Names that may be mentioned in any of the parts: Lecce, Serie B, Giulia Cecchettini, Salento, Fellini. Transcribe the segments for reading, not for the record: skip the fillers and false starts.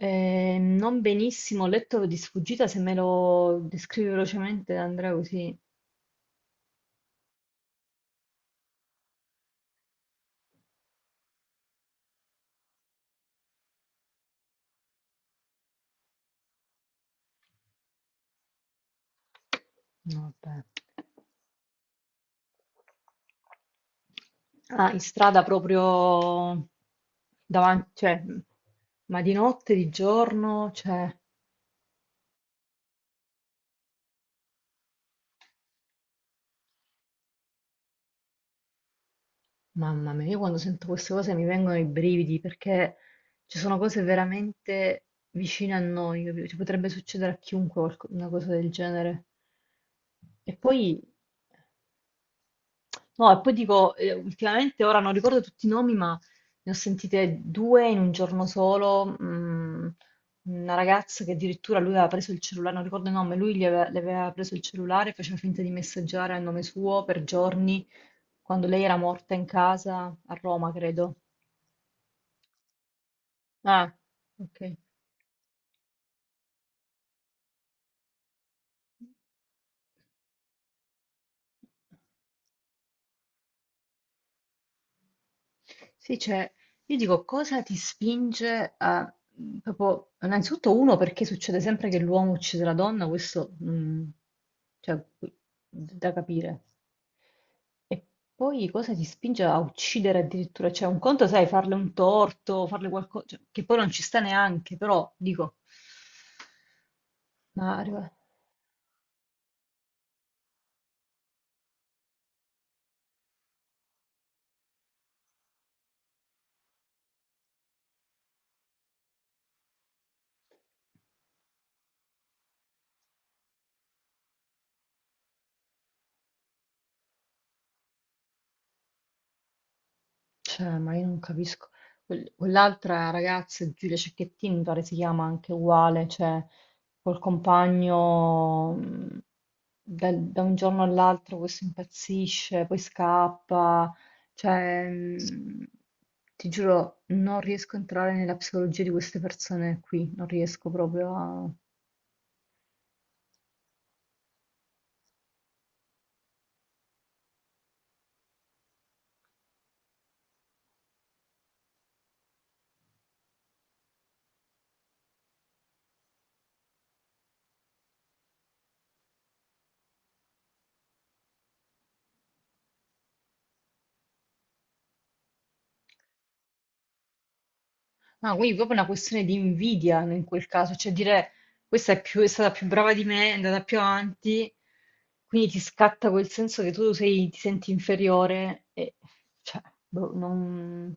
Non benissimo, ho letto di sfuggita, se me lo descrivi velocemente Andrea così. No, vabbè. Ah, in strada proprio davanti, cioè, ma di notte, di giorno, cioè, mamma mia, io quando sento queste cose mi vengono i brividi perché ci sono cose veramente vicine a noi, capito? Ci potrebbe succedere a chiunque una cosa del genere. E poi. No, e poi dico, ultimamente ora non ricordo tutti i nomi, ma ne ho sentite due in un giorno solo. Una ragazza che addirittura lui aveva preso il cellulare, non ricordo il nome, lui gli aveva, le aveva preso il cellulare, faceva finta di messaggiare a nome suo per giorni, quando lei era morta in casa, a Roma, credo. Ah, ok. Sì, cioè, io dico cosa ti spinge a proprio, innanzitutto uno perché succede sempre che l'uomo uccide la donna, questo cioè, da capire. E poi cosa ti spinge a uccidere addirittura? Cioè, un conto, sai, farle un torto, farle qualcosa, che poi non ci sta neanche, però dico, ma arriva. Cioè, ma io non capisco. Quell'altra ragazza, Giulia Cecchettini, mi pare si chiama anche uguale, cioè col compagno da, un giorno all'altro questo impazzisce, poi scappa, cioè ti giuro, non riesco a entrare nella psicologia di queste persone qui, non riesco proprio a... Ah, quindi proprio una questione di invidia in quel caso, cioè dire questa è, è stata più brava di me, è andata più avanti, quindi ti scatta quel senso che ti senti inferiore e cioè, boh, non...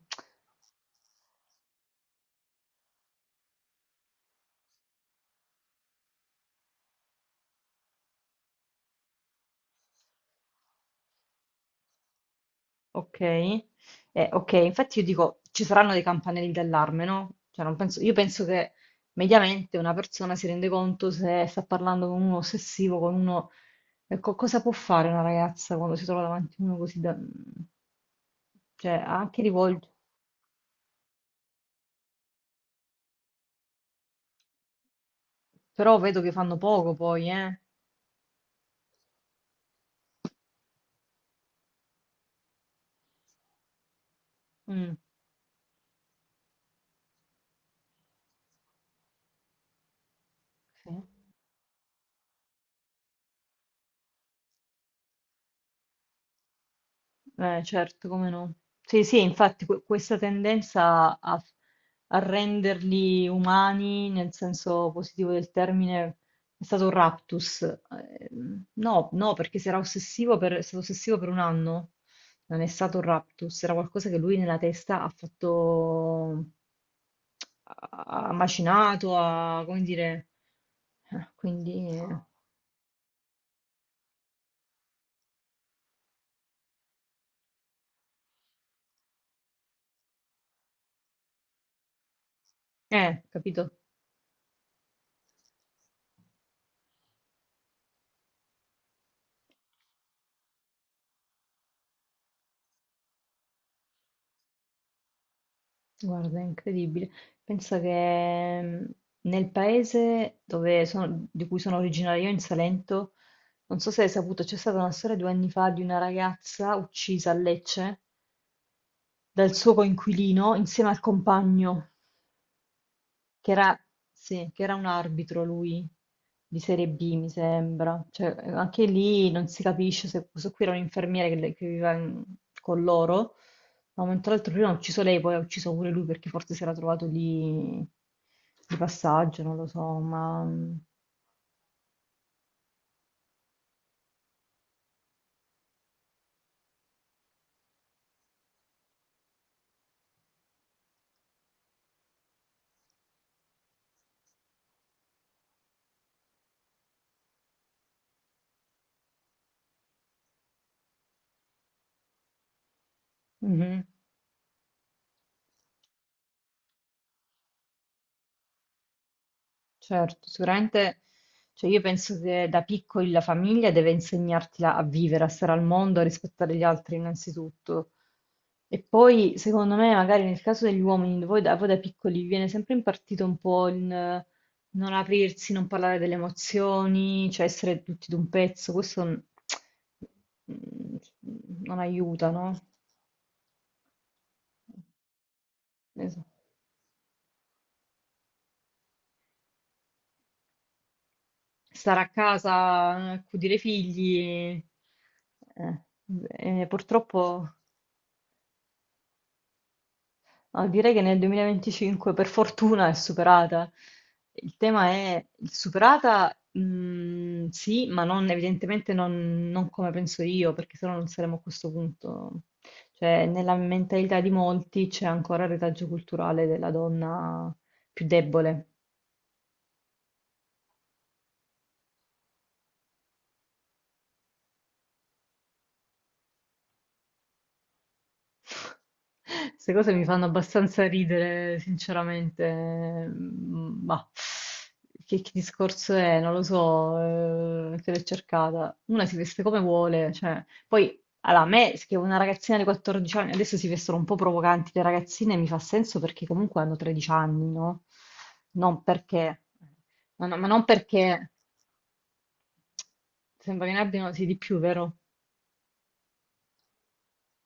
Ok, eh, ok, infatti io dico, ci saranno dei campanelli d'allarme, no? Cioè, non penso- io penso che mediamente una persona si rende conto se sta parlando con uno ossessivo, con uno... Ecco, cosa può fare una ragazza quando si trova davanti a uno così da... Cioè, anche rivolto... Però vedo che fanno poco poi, eh? Mm. Sì. Certo, come no. Sì, sì, infatti questa tendenza a renderli umani nel senso positivo del termine è stato un raptus. No, no, perché si era ossessivo per, è stato ossessivo per un anno. Non è stato un raptus, era qualcosa che lui nella testa ha fatto, ha macinato, ha, come dire, quindi, capito? Guarda, è incredibile. Pensa che nel paese dove di cui sono originaria io, in Salento, non so se hai saputo, c'è stata una storia 2 anni fa di una ragazza uccisa a Lecce dal suo coinquilino insieme al compagno. Che era, sì, che era un arbitro lui, di Serie B, mi sembra. Cioè, anche lì non si capisce se questo qui era un infermiere che, che viveva con loro. Da un momento all'altro prima ha ucciso lei, poi ha ucciso pure lui perché forse si era trovato lì di passaggio, non lo so, ma... Mhm. Certo, sicuramente, cioè io penso che da piccoli la famiglia deve insegnarti a vivere, a stare al mondo, a rispettare gli altri innanzitutto. E poi, secondo me, magari nel caso degli uomini, voi da piccoli vi viene sempre impartito un po' il non aprirsi, non parlare delle emozioni, cioè essere tutti d'un pezzo, questo non aiuta, no? Esatto. Stare a casa, accudire i figli. Eh, eh, purtroppo, no, direi che nel 2025 per fortuna è superata. Il tema è superata, mm, sì, ma evidentemente non come penso io, perché sennò non saremmo a questo punto. Cioè, nella mentalità di molti c'è ancora il retaggio culturale della donna più debole. Queste cose mi fanno abbastanza ridere, sinceramente. Ma che discorso è? Non lo so, te l'hai cercata. Una si veste come vuole, cioè. Poi, allora, a me, che una ragazzina di 14 anni, adesso si vestono un po' provocanti le ragazzine, mi fa senso perché comunque hanno 13 anni, no? Non perché... no, no, ma non perché... Sembra che ne abbiano, sì, di più, vero?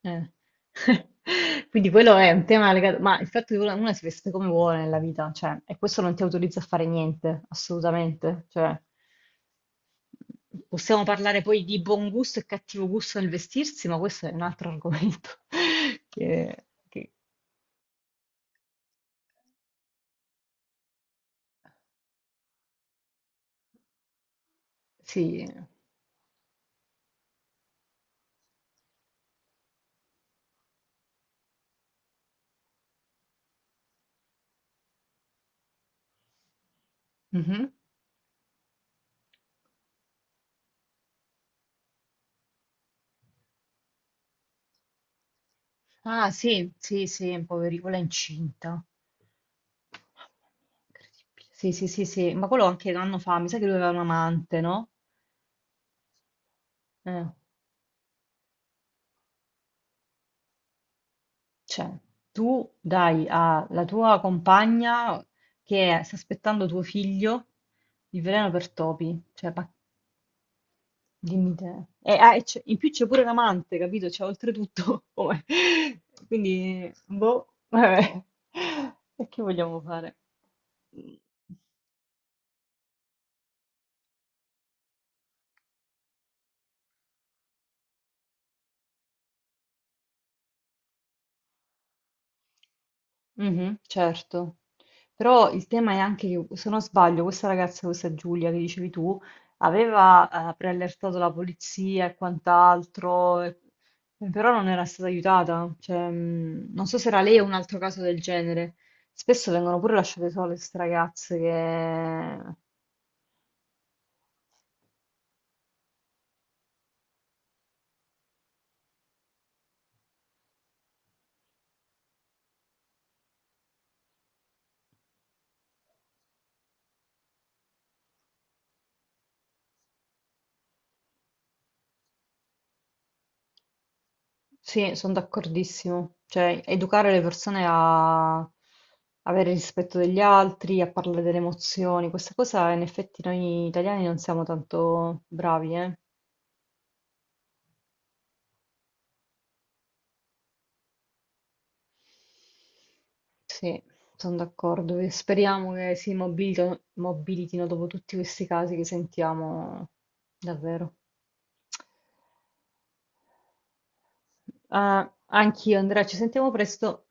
Eh. Quindi quello è un tema legato, ma il fatto che uno si veste come vuole nella vita, cioè, e questo non ti autorizza a fare niente, assolutamente. Cioè, possiamo parlare poi di buon gusto e cattivo gusto nel vestirsi, ma questo è un altro argomento. Che, che- sì. Mhm. Ah, sì, sì, sì, poveri, quella è incinta. Mamma mia, incredibile. Sì, sì, sì, sì, ma quello anche un anno fa, mi sa che lui aveva un amante, no? Eh. Cioè, tu dai alla tua compagna che sta aspettando tuo figlio il veleno per topi, cioè, ma dimmi te. E in più c'è pure l'amante, capito? Cioè, oltretutto, Quindi, boh, vabbè. E che vogliamo fare? Mhm, certo, però il tema è anche che, se non sbaglio, questa ragazza, questa Giulia che dicevi tu, aveva preallertato la polizia e quant'altro, però non era stata aiutata. Cioè, non so se era lei o un altro caso del genere. Spesso vengono pure lasciate sole queste ragazze che... Sì, sono d'accordissimo. Cioè, educare le persone a avere rispetto degli altri, a parlare delle emozioni, questa cosa in effetti noi italiani non siamo tanto bravi, eh? Sì, sono d'accordo. E speriamo che si mobilitino dopo tutti questi casi che sentiamo davvero. Ah, anch'io, Andrea, ci sentiamo presto.